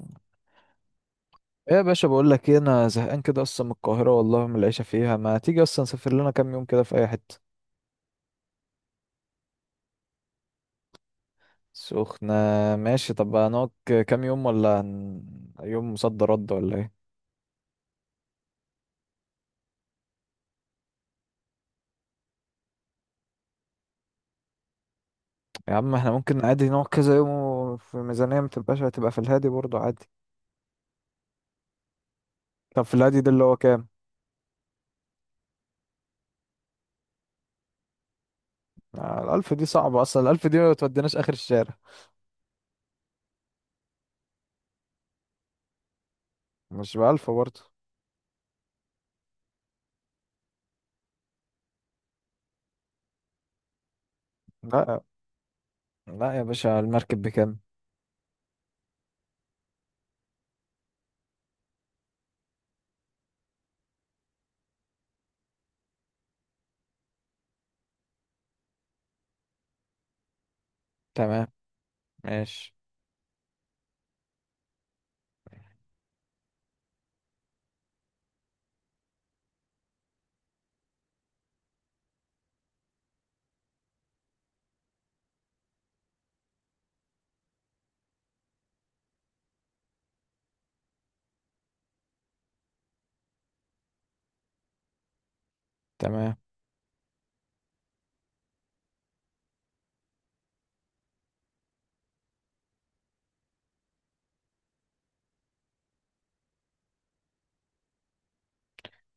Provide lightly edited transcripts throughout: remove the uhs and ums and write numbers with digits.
ايه يا باشا، بقول لك ايه، انا زهقان كده اصلا من القاهره والله، من العيشه فيها. ما تيجي اصلا نسافر لنا كام يوم كده في اي حته؟ سخنه. ماشي. طب هنقعد كام يوم ولا يوم صد رد ولا ايه؟ يا عم، احنا ممكن عادي نقعد كذا يوم وفي ميزانيه ما تبقاش. هتبقى في الهادي برضه عادي. طب في الهادي ده اللي هو كام؟ الألف دي صعبة أصلا، الألف دي ما توديناش آخر الشارع. مش بألف برضه. لا، لا يا باشا، المركب بكام؟ تمام. ماشي. تمام.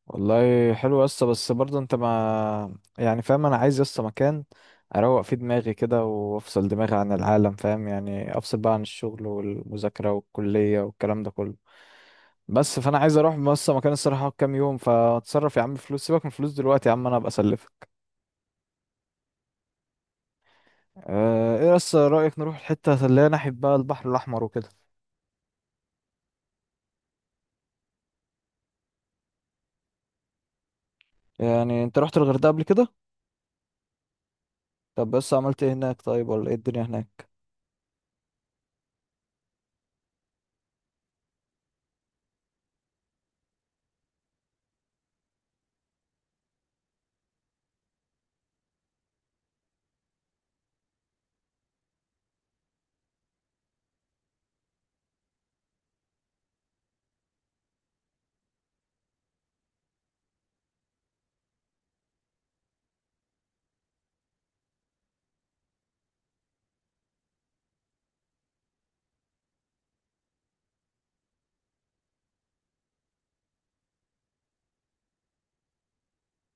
والله حلو يا اسطى، بس برضه انت ما يعني فاهم، انا عايز يا اسطى مكان اروق فيه دماغي كده، وافصل دماغي عن العالم. فاهم يعني؟ افصل بقى عن الشغل والمذاكره والكليه والكلام ده كله. بس فانا عايز اروح بس مكان الصراحه، أقعد كام يوم. فاتصرف يا عم فلوس، سيبك من الفلوس دلوقتي يا عم، انا ابقى اسلفك. اه، ايه بس رايك نروح الحته اللي هي ناحيه بقى البحر الاحمر وكده؟ يعني انت رحت الغردقه قبل كده؟ طب بس عملت ايه هناك طيب، ولا ايه الدنيا هناك؟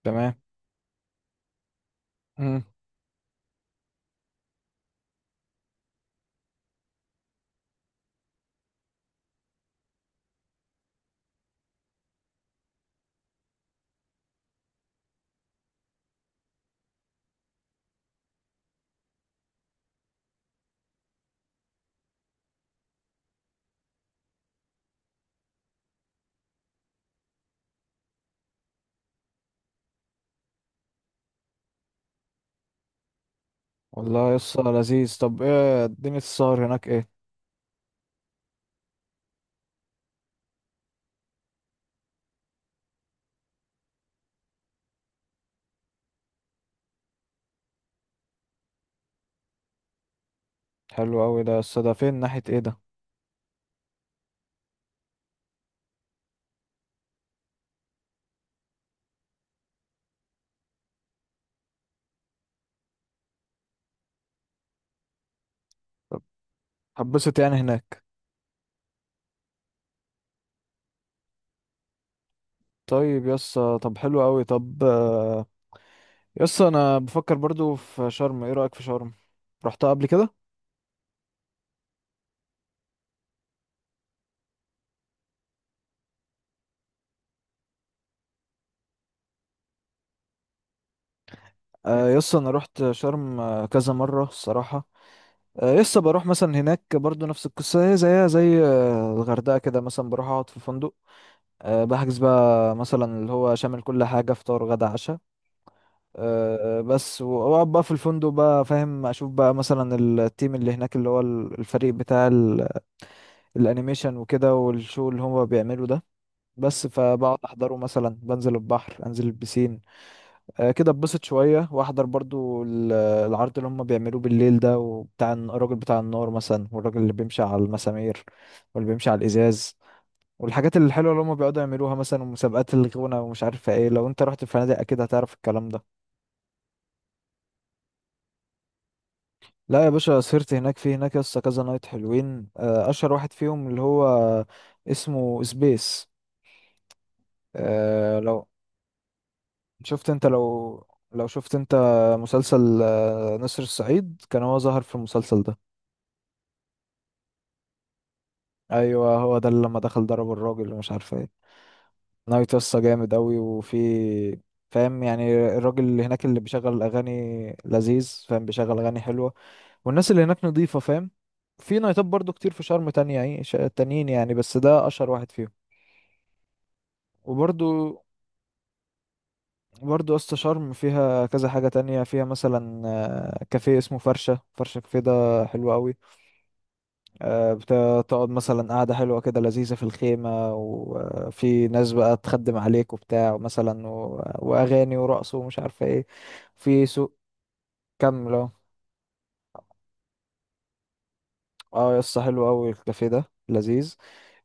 تمام. والله يسطا لذيذ. طب ايه الدنيا السهر هناك ايه؟ حلو قوي ده يسطا، ده فين؟ ناحية ايه ده؟ طب هتبسط يعني هناك؟ طيب يسطا. طب حلو قوي. طب يسطا انا بفكر برضو في شرم، ايه رأيك في شرم؟ رحتها قبل كده؟ يسطا انا رحت شرم كذا مرة الصراحة. يسطا بروح مثلا هناك برضو نفس القصة، هي زيها زي الغردقة كده، مثلا بروح اقعد في فندق. بحجز بقى مثلا اللي هو شامل كل حاجة، فطار غدا عشاء. بس واقعد بقى في الفندق بقى، فاهم؟ اشوف بقى مثلا التيم اللي هناك، اللي هو الفريق بتاع الانيميشن وكده، والشو اللي هما بيعملوا ده. بس فبقعد احضره مثلا، بنزل البحر، انزل البسين. كده اتبسط شويه، واحضر برضو العرض اللي هما بيعملوه بالليل ده وبتاع، الراجل بتاع النار مثلا، والراجل اللي بيمشي على المسامير، واللي بيمشي على الازاز، والحاجات الحلوه اللي هما بيقعدوا يعملوها مثلا، ومسابقات الغنى، ومش عارفه ايه. لو انت رحت الفنادق اكيد هتعرف الكلام ده. لا يا باشا، سهرت هناك. في هناك لسه كذا نايت حلوين، اشهر واحد فيهم اللي هو اسمه سبيس. أه، لو شفت انت لو لو شفت انت مسلسل نسر الصعيد، كان هو ظهر في المسلسل ده. ايوه هو ده، اللي لما دخل ضرب الراجل ومش عارف ايه. نايت لسه جامد اوي، وفي، فاهم يعني؟ الراجل اللي هناك اللي بيشغل الاغاني لذيذ، فاهم؟ بيشغل اغاني حلوه، والناس اللي هناك نظيفه، فاهم؟ في نايتات برضو كتير في شرم تانية يعني، تانيين يعني، بس ده اشهر واحد فيهم. وبرضو، برضو اسطى شرم فيها كذا حاجة تانية، فيها مثلا كافيه اسمه فرشة فرشة، كافيه ده حلو قوي. آه، بتقعد مثلا قعدة حلوة كده، لذيذة في الخيمة، وفي ناس بقى تخدم عليك وبتاع مثلا، وأغاني ورقص، ومش عارفة ايه. في سوق كامل اهو. اه يا اسطى حلو قوي الكافيه ده، لذيذ.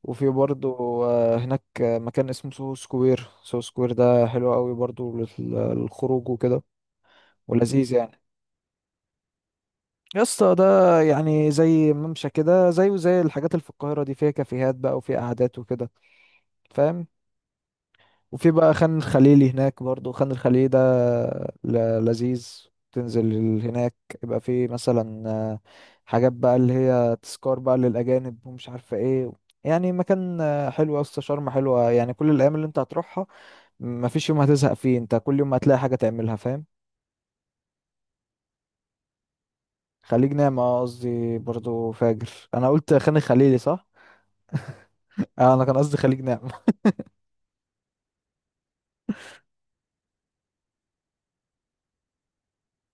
وفي برضو هناك مكان اسمه سو سكوير، سو سكوير ده حلو قوي برضو للخروج وكده، ولذيذ يعني. يا اسطى ده يعني زي ممشى كده، زيه زي الحاجات اللي في القاهرة دي، فيها كافيهات بقى، وفيها قعدات وكده، فاهم؟ وفي بقى خان الخليلي هناك برضو، خان الخليلي ده لذيذ. تنزل هناك يبقى في مثلا حاجات بقى اللي هي تذكار بقى للأجانب، ومش عارفة ايه. يعني مكان حلو يا اسطى، شرم حلوة يعني. كل الأيام اللي انت هتروحها، مفيش يوم هتزهق فيه، انت كل يوم هتلاقي حاجة تعملها، فاهم؟ خليج نعمة قصدي، برضو فاجر. انا قلت خان الخليلي، صح؟ انا كان قصدي خليج نعمة.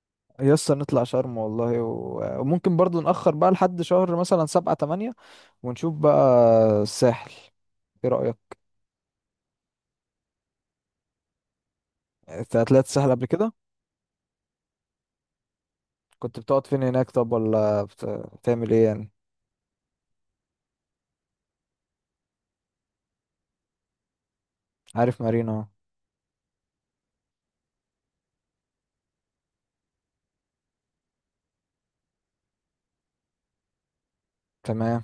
يسطا نطلع شرم والله، وممكن برضو نأخر بقى لحد شهر مثلا 7 أو 8، ونشوف بقى الساحل، ايه رأيك؟ انت طلعت الساحل قبل كده؟ كنت بتقعد فين هناك طب، ولا بتعمل ايه يعني؟ عارف مارينا أهو. تمام.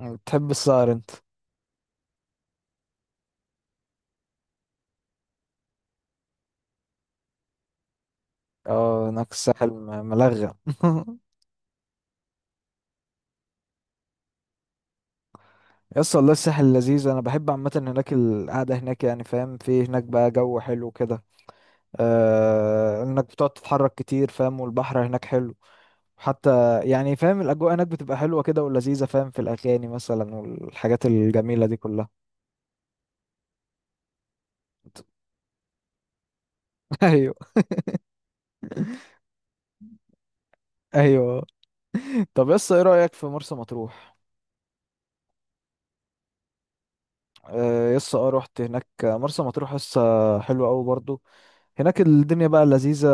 بتحب السهر انت؟ اه، هناك الساحل ملغم. يس والله الساحل لذيذ، انا بحب عامه هناك، القعده هناك يعني فاهم، في هناك بقى جو حلو كده، آه، انك بتقعد تتحرك كتير فاهم، والبحر هناك حلو حتى يعني، فاهم؟ الأجواء هناك بتبقى حلوة كده ولذيذة، فاهم؟ في الأغاني مثلا، والحاجات الجميلة دي كلها. أيوه. أيوه. طب يس، إيه رأيك في مرسى مطروح؟ يس اه رحت هناك مرسى مطروح، يس حلوة أوي برضو. هناك الدنيا بقى لذيذة،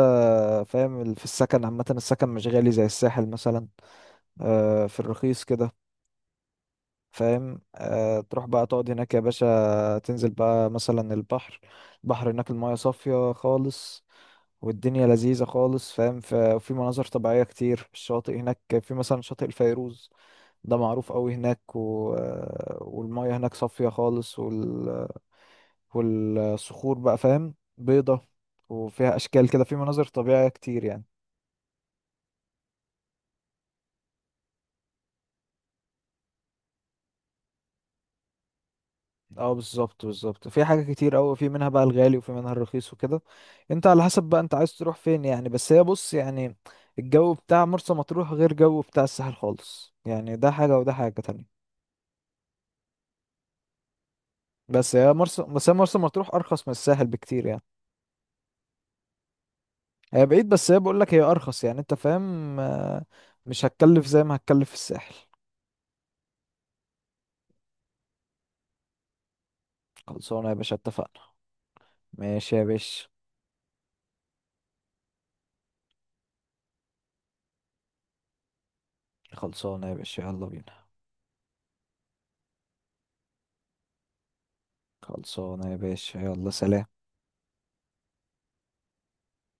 فاهم في السكن عامة؟ السكن مش غالي زي الساحل مثلا، في الرخيص كده، فاهم؟ تروح بقى تقعد هناك يا باشا، تنزل بقى مثلا البحر. البحر هناك المايه صافية خالص، والدنيا لذيذة خالص، فاهم؟ وفي مناظر طبيعية كتير. الشاطئ هناك في مثلا شاطئ الفيروز، ده معروف قوي هناك، والمية هناك صافية خالص، والصخور بقى فاهم بيضة، وفيها أشكال كده، في مناظر طبيعية كتير يعني. اه بالظبط، بالظبط، في حاجة كتير قوي، في منها بقى الغالي، وفي منها الرخيص وكده. انت على حسب بقى انت عايز تروح فين يعني. بس هي بص يعني، الجو بتاع مرسى مطروح غير جو بتاع الساحل خالص يعني، ده حاجة وده حاجة تانية. بس هي مرسى مطروح ارخص من الساحل بكتير يعني. هي بعيد، بس هي بقول لك هي ارخص يعني، انت فاهم؟ مش هتكلف زي ما هتكلف في الساحل. خلصانه يا باشا، اتفقنا. ماشي يا باشا. خلصانه يا باشا، يلا بينا. خلصانه يا باشا، يلا سلام.